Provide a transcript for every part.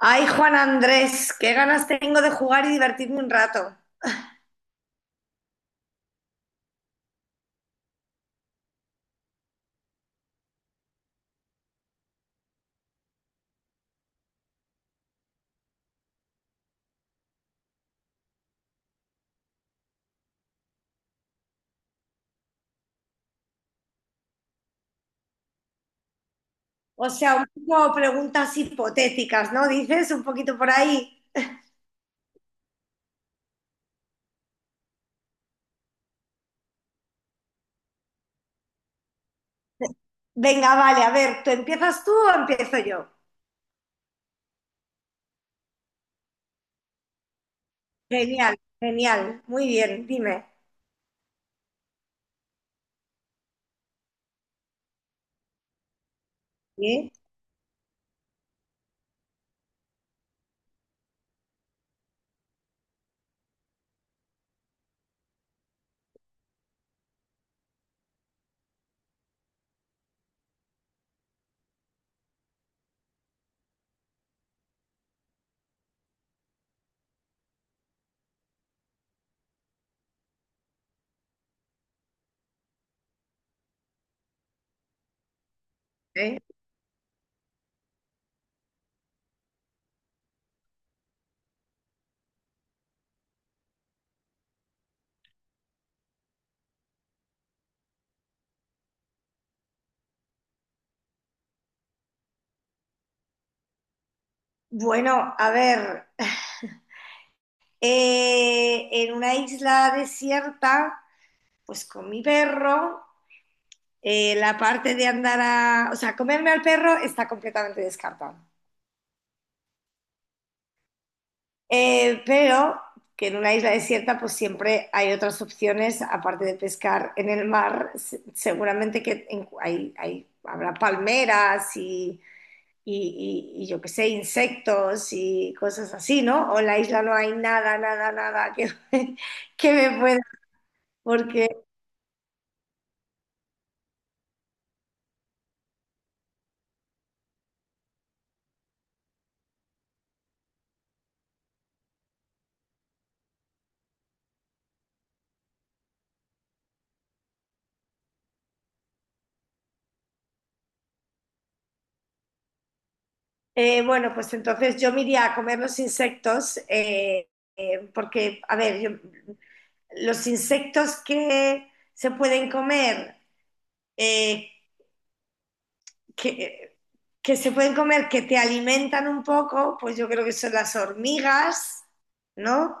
Ay, Juan Andrés, qué ganas tengo de jugar y divertirme un rato. O sea, un poco preguntas hipotéticas, ¿no? Dices un poquito por ahí. Venga, vale, a ver, ¿tú empiezas tú o empiezo yo? Genial, genial, muy bien, dime. ¿Sí? ¿Sí? Bueno, a ver, en una isla desierta, pues con mi perro, la parte de andar a... O sea, comerme al perro está completamente descartada. Pero que en una isla desierta pues siempre hay otras opciones, aparte de pescar en el mar, seguramente que hay, habrá palmeras y, y yo qué sé, insectos y cosas así, ¿no? O en la isla no hay nada, nada, nada que, que me pueda, porque, bueno, pues entonces yo me iría a comer los insectos, porque, a ver, los insectos que se pueden comer, eh, que, que se pueden comer, que te alimentan un poco, pues yo creo que son las hormigas, ¿no?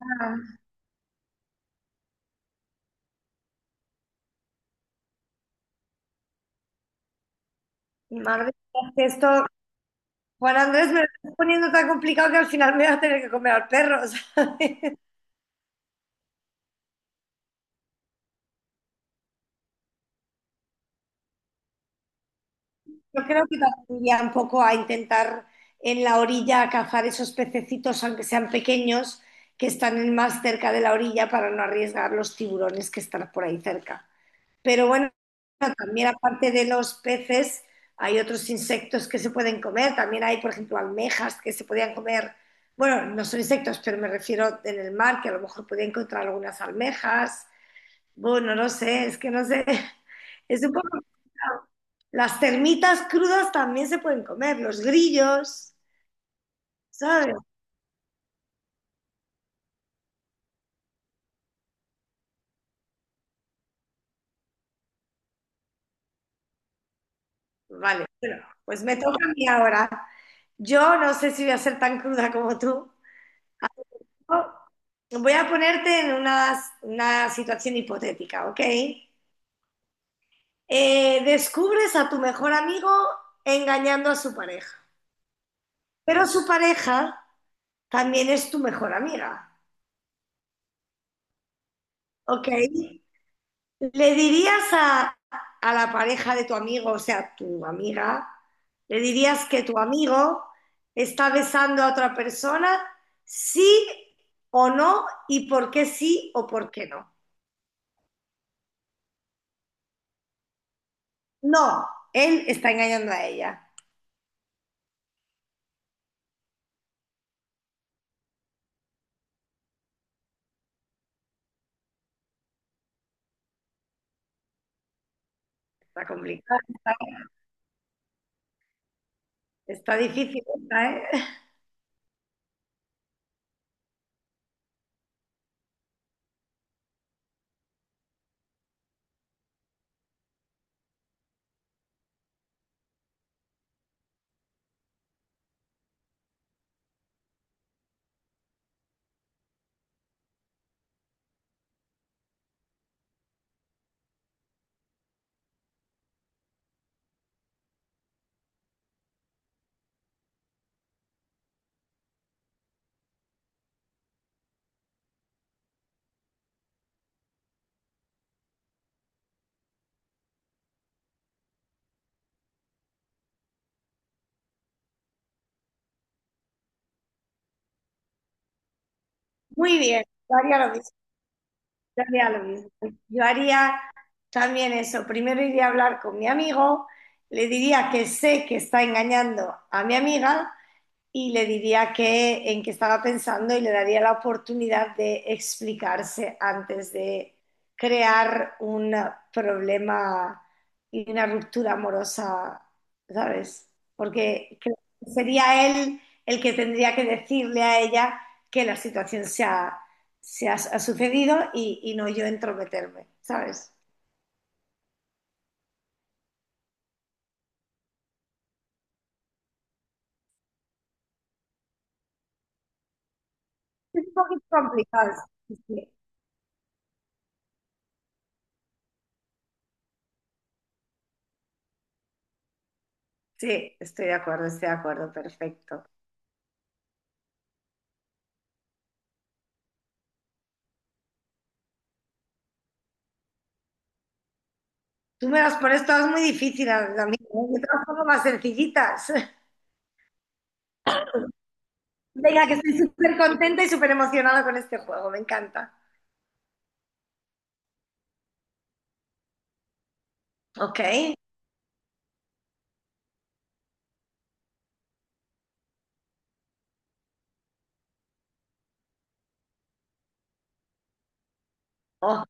Ah, madre mía, es que esto, Juan Andrés, me lo estás poniendo tan complicado que al final me voy a tener que comer al perro, ¿sabes? Yo creo que también iría un poco a intentar en la orilla cazar esos pececitos, aunque sean pequeños, que están más cerca de la orilla para no arriesgar los tiburones que están por ahí cerca. Pero bueno, también aparte de los peces, hay otros insectos que se pueden comer. También hay, por ejemplo, almejas que se podían comer. Bueno, no son insectos, pero me refiero en el mar, que a lo mejor podía encontrar algunas almejas. Bueno, no sé, es que no sé. Es un poco complicado. Las termitas crudas también se pueden comer, los grillos, ¿sabes? Vale, bueno, pues me toca a mí ahora. Yo no sé si voy a ser tan cruda como tú. Voy a ponerte en una situación hipotética, ¿ok? Descubres a tu mejor amigo engañando a su pareja, pero su pareja también es tu mejor amiga, ¿ok? ¿Le dirías a la pareja de tu amigo, o sea, tu amiga, le dirías que tu amigo está besando a otra persona, sí o no, y por qué sí o por qué no? No, él está engañando a ella. Está complicado, está, está difícil esta, ¿eh? Muy bien, yo haría lo mismo, yo haría lo mismo. Yo haría también eso. Primero iría a hablar con mi amigo, le diría que sé que está engañando a mi amiga y le diría que, en qué estaba pensando y le daría la oportunidad de explicarse antes de crear un problema y una ruptura amorosa, ¿sabes? Porque creo que sería él el que tendría que decirle a ella que la situación se ha, ha sucedido y no yo entrometerme, ¿sabes? Es un poquito complicado. Sí, sí, estoy de acuerdo, perfecto. Tú me las pones todas muy difíciles, amigo. Yo te las pongo más sencillitas. Venga, que estoy súper contenta y súper emocionada con este juego. Me encanta. Ok. Oh.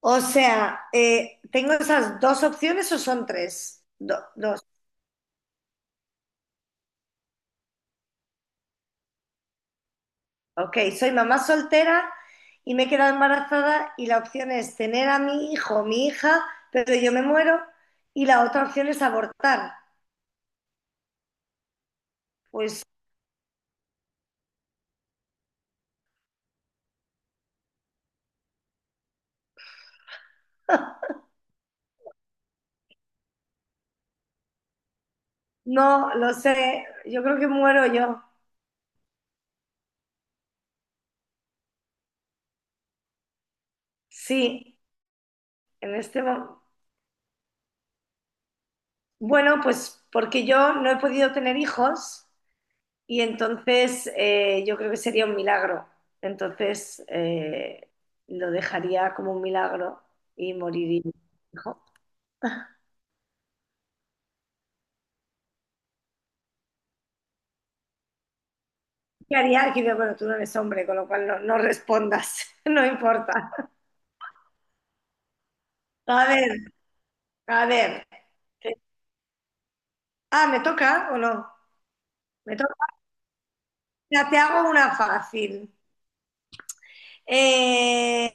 O sea, ¿tengo esas dos opciones o son tres? Dos. Ok, soy mamá soltera y me he quedado embarazada y la opción es tener a mi hijo o mi hija, pero yo me muero y la otra opción es abortar. Pues no, lo sé, yo creo que muero yo. Sí, en este momento. Bueno, pues porque yo no he podido tener hijos y entonces yo creo que sería un milagro. Entonces lo dejaría como un milagro y moriría. Hijo. ¿Qué haría? Aquí veo, bueno, tú no eres hombre, con lo cual no, no respondas, no importa. A ver, a ver. Ah, ¿me toca o no? Me toca. Mira, te hago una fácil. eh,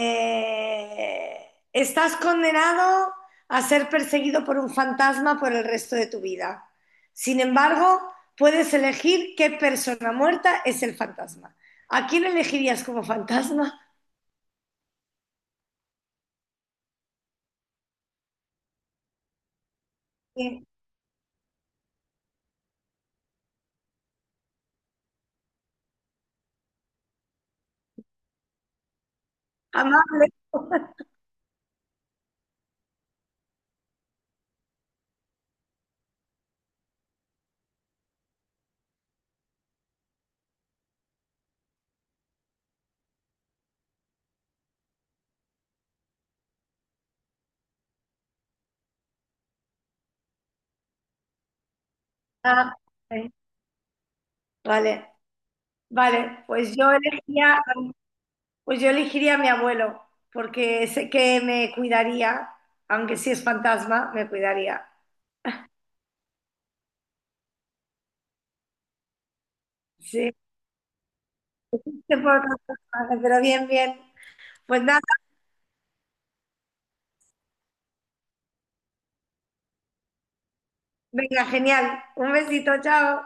Estás condenado a ser perseguido por un fantasma por el resto de tu vida. Sin embargo, puedes elegir qué persona muerta es el fantasma. ¿A quién elegirías como fantasma? Sí. Amable. Ah, sí. Vale, vale. Pues yo elegiría a mi abuelo, porque sé que me cuidaría, aunque si es fantasma, me cuidaría. Sí. Te puedo contar, pero bien, bien. Pues nada, venga, genial. Un besito, chao.